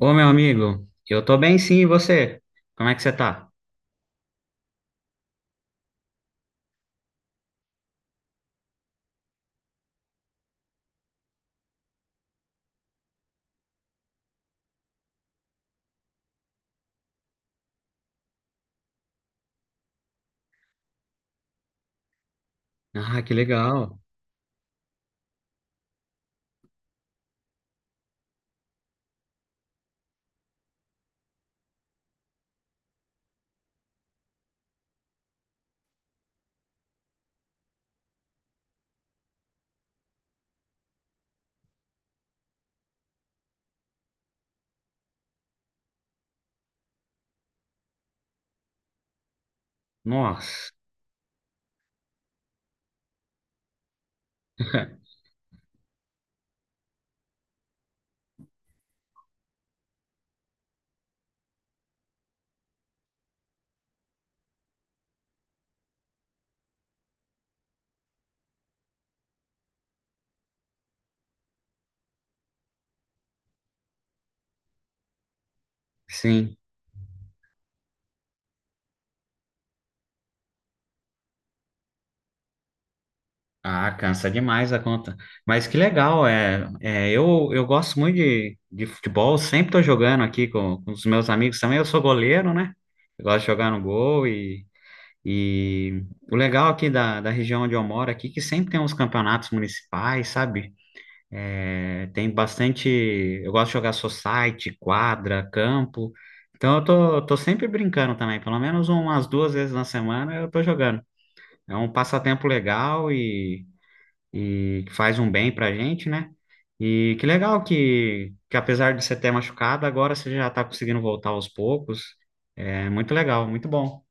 Ô, meu amigo, eu tô bem sim, e você? Como é que você tá? Ah, que legal. Nossa, sim. Ah, cansa demais a conta. Mas que legal, eu gosto muito de futebol, sempre tô jogando aqui com os meus amigos também. Eu sou goleiro, né? Eu gosto de jogar no gol e o legal aqui da região onde eu moro é aqui, que sempre tem uns campeonatos municipais, sabe? É, tem bastante. Eu gosto de jogar society, quadra, campo. Então eu tô sempre brincando também. Pelo menos umas duas vezes na semana eu tô jogando. É um passatempo legal e que faz um bem pra gente, né? E que legal que apesar de você ter machucado, agora você já tá conseguindo voltar aos poucos. É muito legal, muito bom.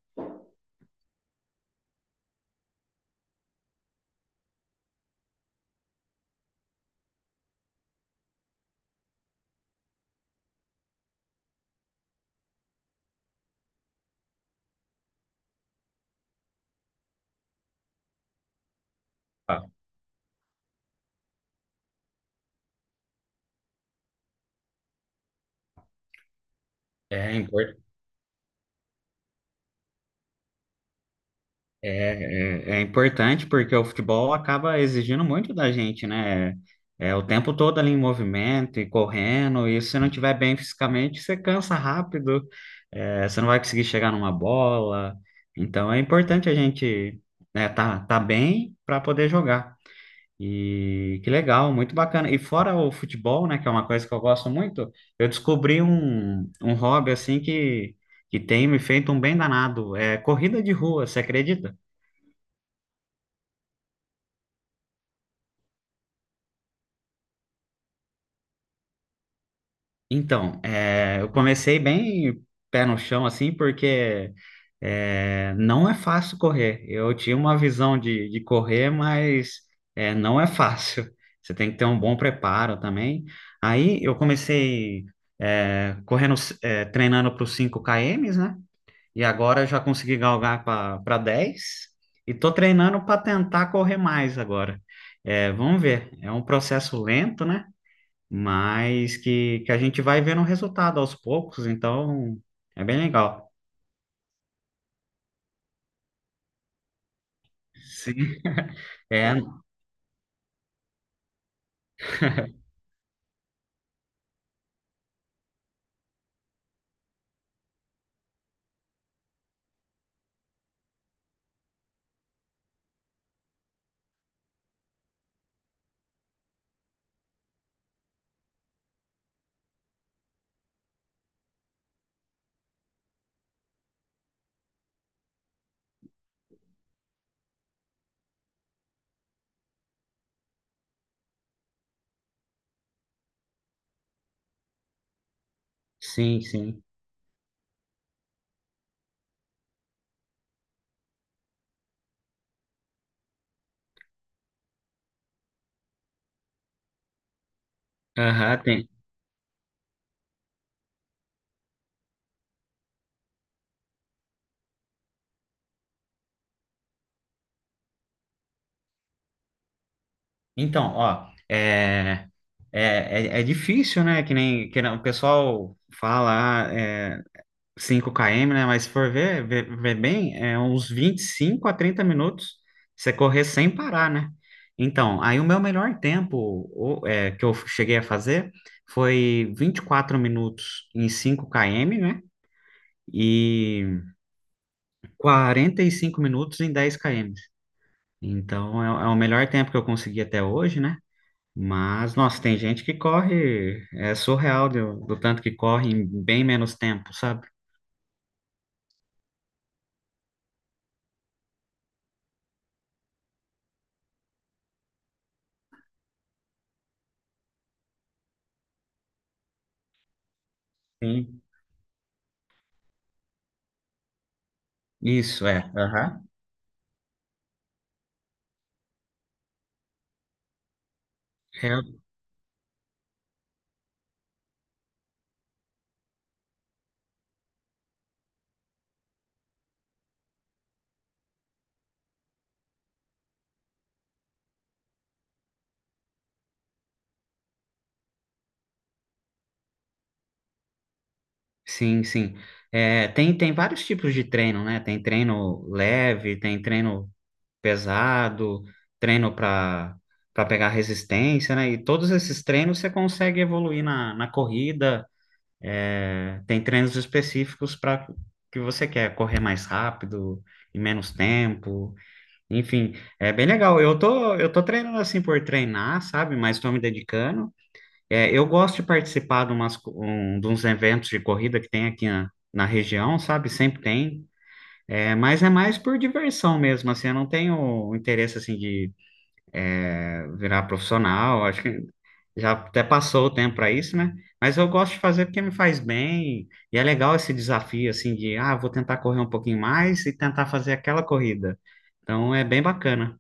É importante. É, é importante porque o futebol acaba exigindo muito da gente, né? É o tempo todo ali em movimento e correndo, e se você não tiver bem fisicamente, você cansa rápido, você não vai conseguir chegar numa bola. Então é importante a gente, né, tá bem para poder jogar. E que legal, muito bacana. E fora o futebol, né, que é uma coisa que eu gosto muito, eu descobri um hobby assim que tem me feito um bem danado. É corrida de rua, você acredita? Então, eu comecei bem pé no chão, assim, porque não é fácil correr. Eu tinha uma visão de correr, mas não é fácil. Você tem que ter um bom preparo também. Aí eu comecei correndo, treinando para os 5 km, né? E agora eu já consegui galgar para 10 e tô treinando para tentar correr mais agora. É, vamos ver. É um processo lento, né? Mas que a gente vai vendo o resultado aos poucos, então é bem legal. Sim, é, sim, sim. Aham, tem. Então, ó, é, é difícil, né? Que nem o pessoal fala, ah, 5 km, né? Mas se for ver bem, é uns 25 a 30 minutos você correr sem parar, né? Então, aí o meu melhor tempo que eu cheguei a fazer foi 24 minutos em 5 km, né? E 45 minutos em 10 km. Então, é o melhor tempo que eu consegui até hoje, né? Mas, nossa, tem gente que corre, é surreal do tanto que corre em bem menos tempo, sabe? Sim. Isso, é. Aham. É, sim, sim. É, tem vários tipos de treino, né? Tem treino leve, tem treino pesado, treino para pegar resistência, né? E todos esses treinos você consegue evoluir na corrida. É, tem treinos específicos para que você quer correr mais rápido, em menos tempo. Enfim, é bem legal. Eu tô treinando assim por treinar, sabe? Mas estou me dedicando. É, eu gosto de participar de, umas, co- um, de uns eventos de corrida que tem aqui na região, sabe? Sempre tem. É, mas é mais por diversão mesmo, assim, eu não tenho interesse, assim, de virar profissional, acho que já até passou o tempo para isso, né? Mas eu gosto de fazer porque me faz bem, e é legal esse desafio, assim, de, ah, vou tentar correr um pouquinho mais e tentar fazer aquela corrida. Então, é bem bacana.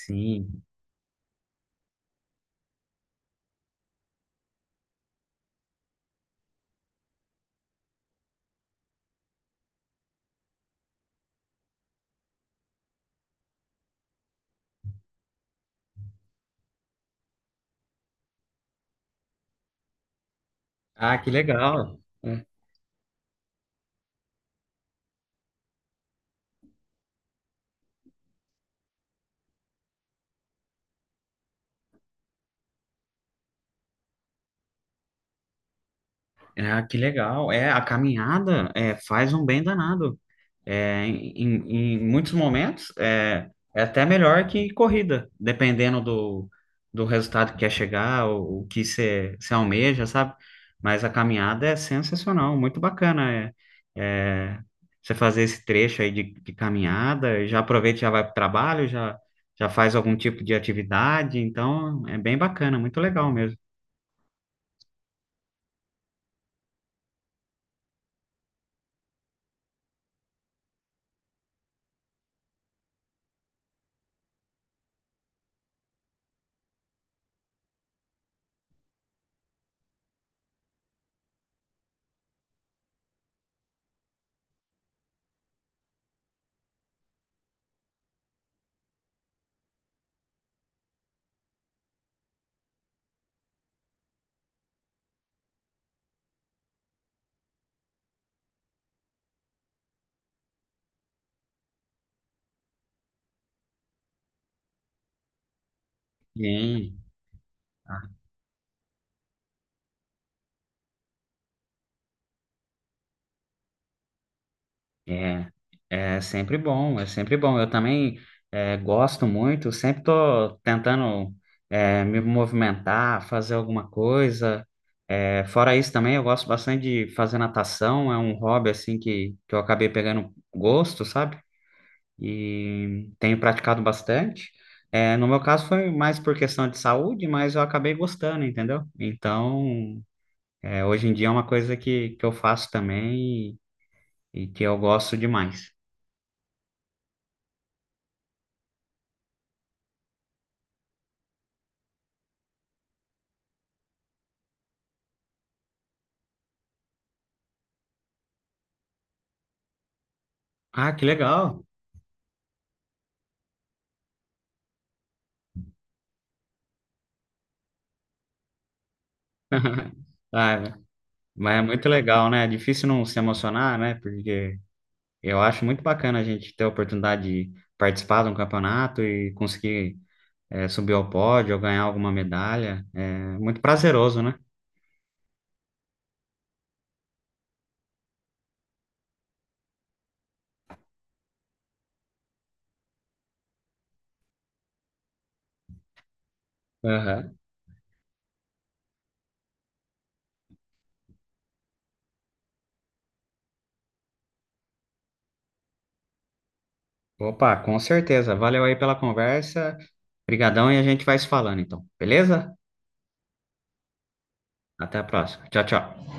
Sim. Ah, que legal. Ah, que legal. É, a caminhada faz um bem danado. É, em, em muitos momentos é até melhor que corrida, dependendo do resultado que quer chegar, o que você almeja, sabe? Mas a caminhada é sensacional, muito bacana. É, é, Você fazer esse trecho aí de caminhada, já aproveita, e já vai para o trabalho, já faz algum tipo de atividade, então é bem bacana, muito legal mesmo. Sim. É, é sempre bom, é sempre bom. Eu também gosto muito, sempre tô tentando me movimentar, fazer alguma coisa. É, fora isso também, eu gosto bastante de fazer natação, é um hobby assim que eu acabei pegando gosto, sabe? E tenho praticado bastante. É, no meu caso foi mais por questão de saúde, mas eu acabei gostando, entendeu? Então, hoje em dia é uma coisa que eu faço também e e que eu gosto demais. Ah, que legal. Ah, mas é muito legal, né? É difícil não se emocionar, né? Porque eu acho muito bacana a gente ter a oportunidade de participar de um campeonato e conseguir subir ao pódio ou ganhar alguma medalha. É muito prazeroso, né? Aham. Opa, com certeza. Valeu aí pela conversa. Obrigadão e a gente vai se falando, então. Beleza? Até a próxima. Tchau, tchau.